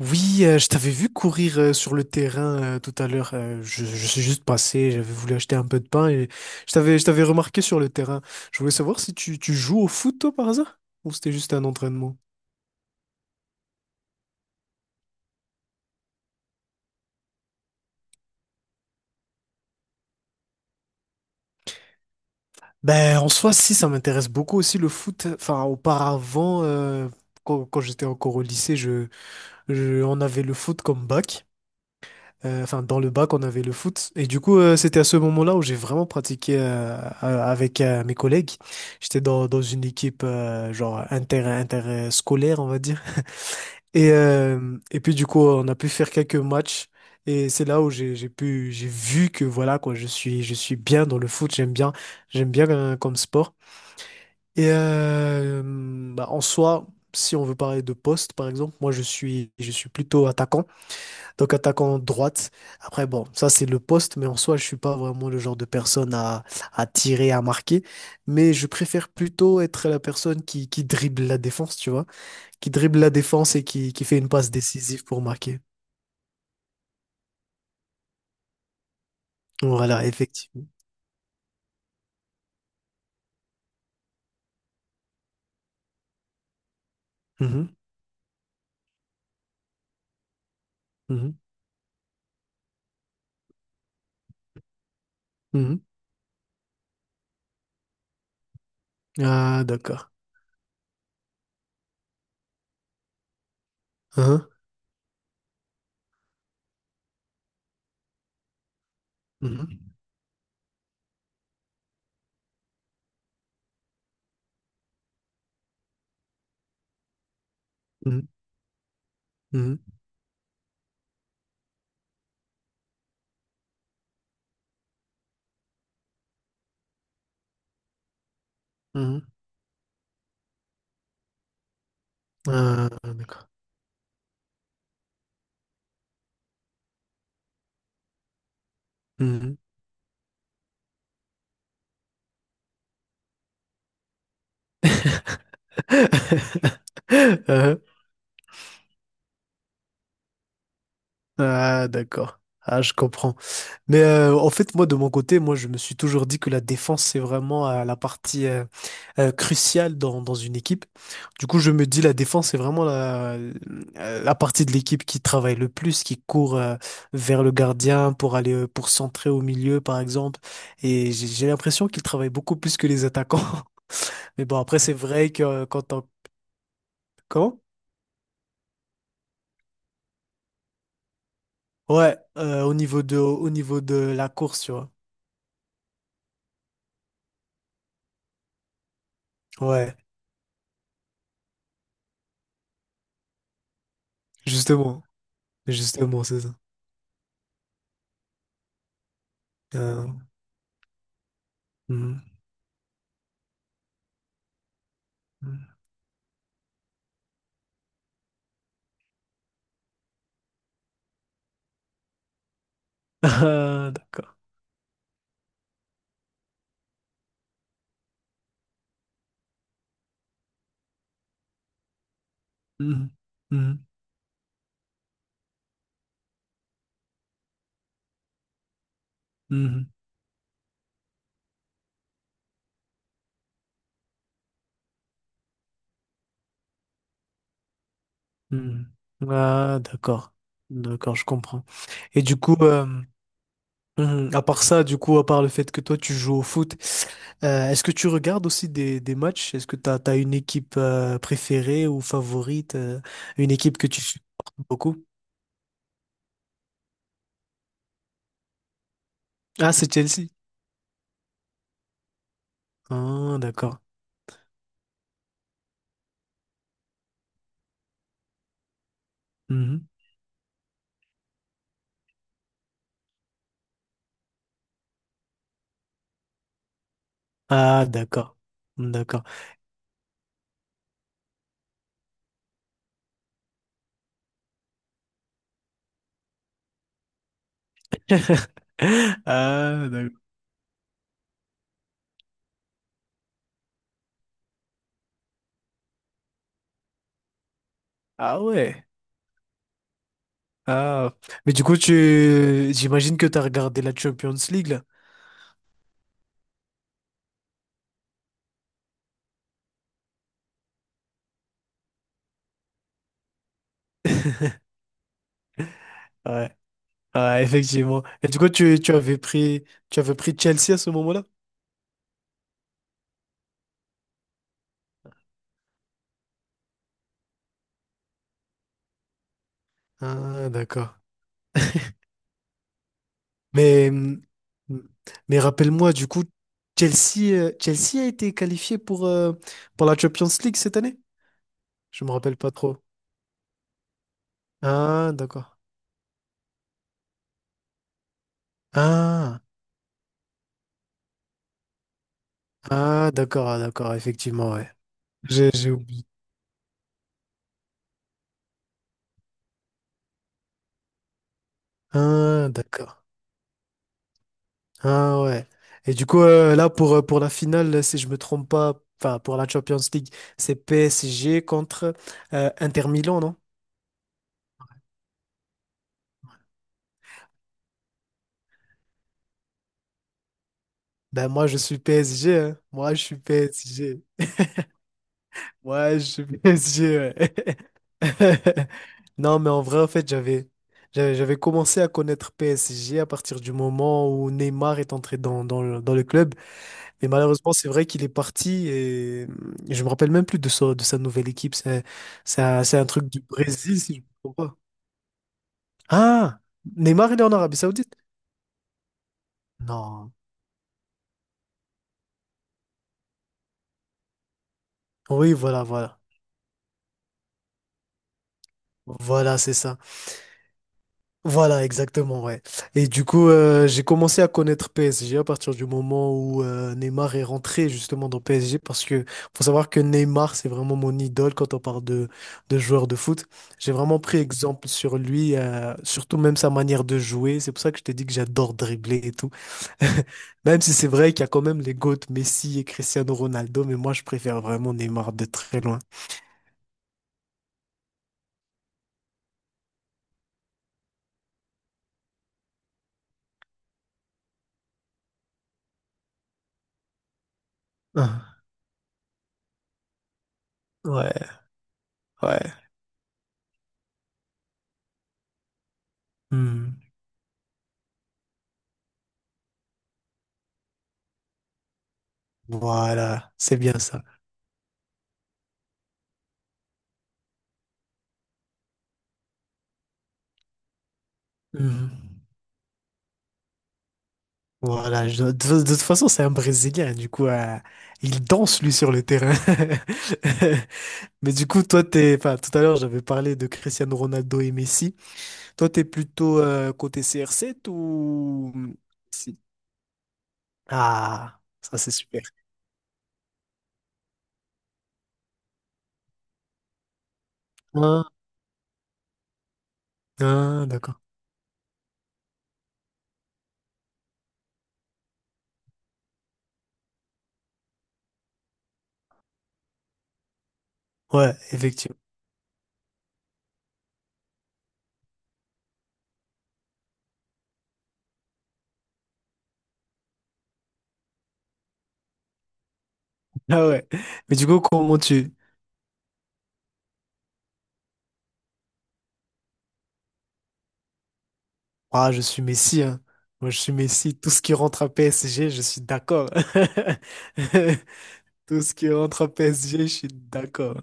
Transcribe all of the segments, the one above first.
Oui, je t'avais vu courir sur le terrain tout à l'heure. Je suis juste passé, j'avais voulu acheter un peu de pain et je t'avais remarqué sur le terrain. Je voulais savoir si tu joues au foot, toi, par hasard? Ou c'était juste un entraînement? Ben, en soi, si, ça m'intéresse beaucoup aussi le foot. Enfin, auparavant, quand, j'étais encore au lycée, on avait le foot comme bac. Enfin, dans le bac, on avait le foot. Et du coup, c'était à ce moment-là où j'ai vraiment pratiqué avec mes collègues. J'étais dans une équipe genre interscolaire, on va dire. Et puis, du coup, on a pu faire quelques matchs. Et c'est là où j'ai vu que voilà, quoi, je suis bien dans le foot. J'aime bien comme sport. Et bah, en soi, si on veut parler de poste, par exemple, moi, je suis plutôt attaquant. Donc attaquant droite. Après, bon, ça c'est le poste, mais en soi, je suis pas vraiment le genre de personne à tirer, à marquer. Mais je préfère plutôt être la personne qui dribble la défense, tu vois, qui dribble la défense et qui fait une passe décisive pour marquer. Voilà, effectivement. Mhm, mhm, mhm. Ah, d'accord. Hein, mhm, mhm, mhm, mhm. Ah, d'accord. Mhm. Hein, ah, d'accord. Ah, je comprends. Mais en fait, moi, de mon côté, moi, je me suis toujours dit que la défense, c'est vraiment la partie cruciale dans une équipe. Du coup, je me dis, la défense, c'est vraiment la partie de l'équipe qui travaille le plus, qui court vers le gardien pour aller pour centrer au milieu, par exemple. Et j'ai l'impression qu'ils travaillent beaucoup plus que les attaquants. Mais bon, après, c'est vrai que quand on... Comment? Ouais, au niveau au niveau de la course, tu vois. Ouais, justement. Justement, c'est ça. Euh, mhm, mhm. Ah, d'accord. Mhm, mhm, mhm, mhm. Ah, d'accord. D'accord, je comprends. Et du coup, mhm, à part ça, du coup, à part le fait que toi, tu joues au foot, est-ce que tu regardes aussi des matchs? Est-ce que tu as, une équipe préférée ou favorite, une équipe que tu supportes beaucoup? Ah, c'est Chelsea. Ah, d'accord. Mhm. Ah, d'accord. D'accord. Ah, d'accord. Ah ouais. Ah, mais du coup, j'imagine que tu as regardé la Champions League, là. Ouais, ouais, effectivement. Et du coup, tu avais tu avais pris Chelsea à ce moment-là? Ah, d'accord. Mais, hum, mais rappelle-moi, du coup, Chelsea a été qualifié pour la Champions League cette année? Je me rappelle pas trop. Ah, d'accord. Ah, ah, d'accord, ah, d'accord, effectivement, ouais. J'ai oublié. Ah, d'accord. Ah ouais. Et du coup, là, pour la finale, si je me trompe pas, enfin, pour la Champions League, c'est PSG contre Inter Milan, non? Ben moi, je suis PSG, hein. Moi, je suis PSG. Moi, je suis PSG, ouais. Non, mais en vrai, en fait, j'avais commencé à connaître PSG à partir du moment où Neymar est entré dans le club. Mais malheureusement, c'est vrai qu'il est parti et je me rappelle même plus de sa nouvelle équipe. C'est un truc du Brésil, si je ne me trompe pas. Ah! Neymar, il est en Arabie Saoudite? Non. Oui, voilà, voilà. Voilà, c'est ça. Voilà, exactement, ouais. Et du coup, j'ai commencé à connaître PSG à partir du moment où Neymar est rentré justement dans PSG parce que faut savoir que Neymar, c'est vraiment mon idole quand on parle de joueur de foot. J'ai vraiment pris exemple sur lui, surtout même sa manière de jouer. C'est pour ça que je t'ai dit que j'adore dribbler et tout. Même si c'est vrai qu'il y a quand même les GOAT Messi et Cristiano Ronaldo, mais moi je préfère vraiment Neymar de très loin. Ah, ouais, ouais. Hmm. Voilà, c'est bien ça. Hmm. Voilà, de toute façon, c'est un Brésilien, du coup, il danse lui sur le terrain. Mais du coup, toi, enfin, tout à l'heure, j'avais parlé de Cristiano Ronaldo et Messi. Toi, t'es plutôt côté CR7 ou si. Ah, ça c'est super. Ah, ah, d'accord. Ouais, effectivement. Ah ouais. Mais du coup, comment tu... Ah, je suis Messi, hein. Moi, je suis Messi. Tout ce qui rentre à PSG, je suis d'accord. Tout ce qui rentre à PSG, je suis d'accord.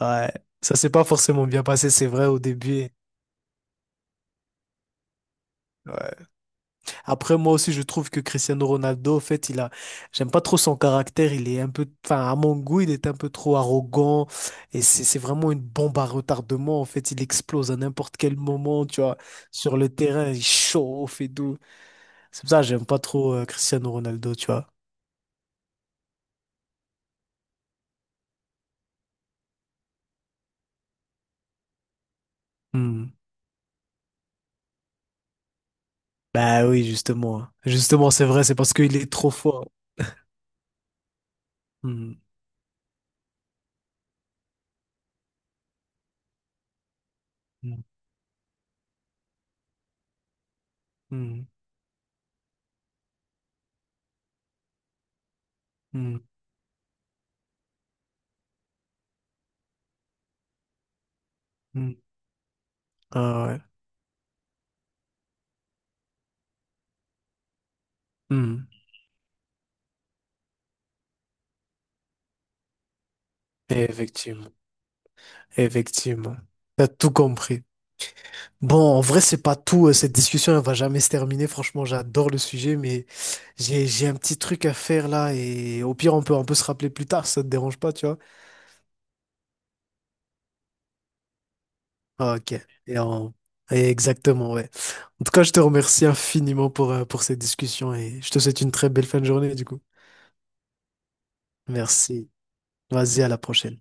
Ouais, ça s'est pas forcément bien passé, c'est vrai, au début. Ouais. Après, moi aussi, je trouve que Cristiano Ronaldo, en fait, j'aime pas trop son caractère, il est un peu, enfin, à mon goût, il est un peu trop arrogant, et c'est vraiment une bombe à retardement, en fait, il explose à n'importe quel moment, tu vois, sur le terrain, il chauffe et tout. C'est pour ça, que j'aime pas trop Cristiano Ronaldo, tu vois. Hmm. Bah oui, justement. Justement, c'est vrai, c'est parce qu'il est trop fort. Hmm. Hmm. Hmm. Hmm. Hmm. Ah ouais. Hmm. Effectivement, effectivement. T'as tout compris. Bon, en vrai, c'est pas tout. Cette discussion, elle va jamais se terminer. Franchement, j'adore le sujet, mais j'ai un petit truc à faire là. Et au pire, on peut se rappeler plus tard. Ça te dérange pas, tu vois? Ah, ok. Et on- Exactement, ouais. En tout cas, je te remercie infiniment pour cette discussion et je te souhaite une très belle fin de journée, du coup. Merci. Vas-y, à la prochaine.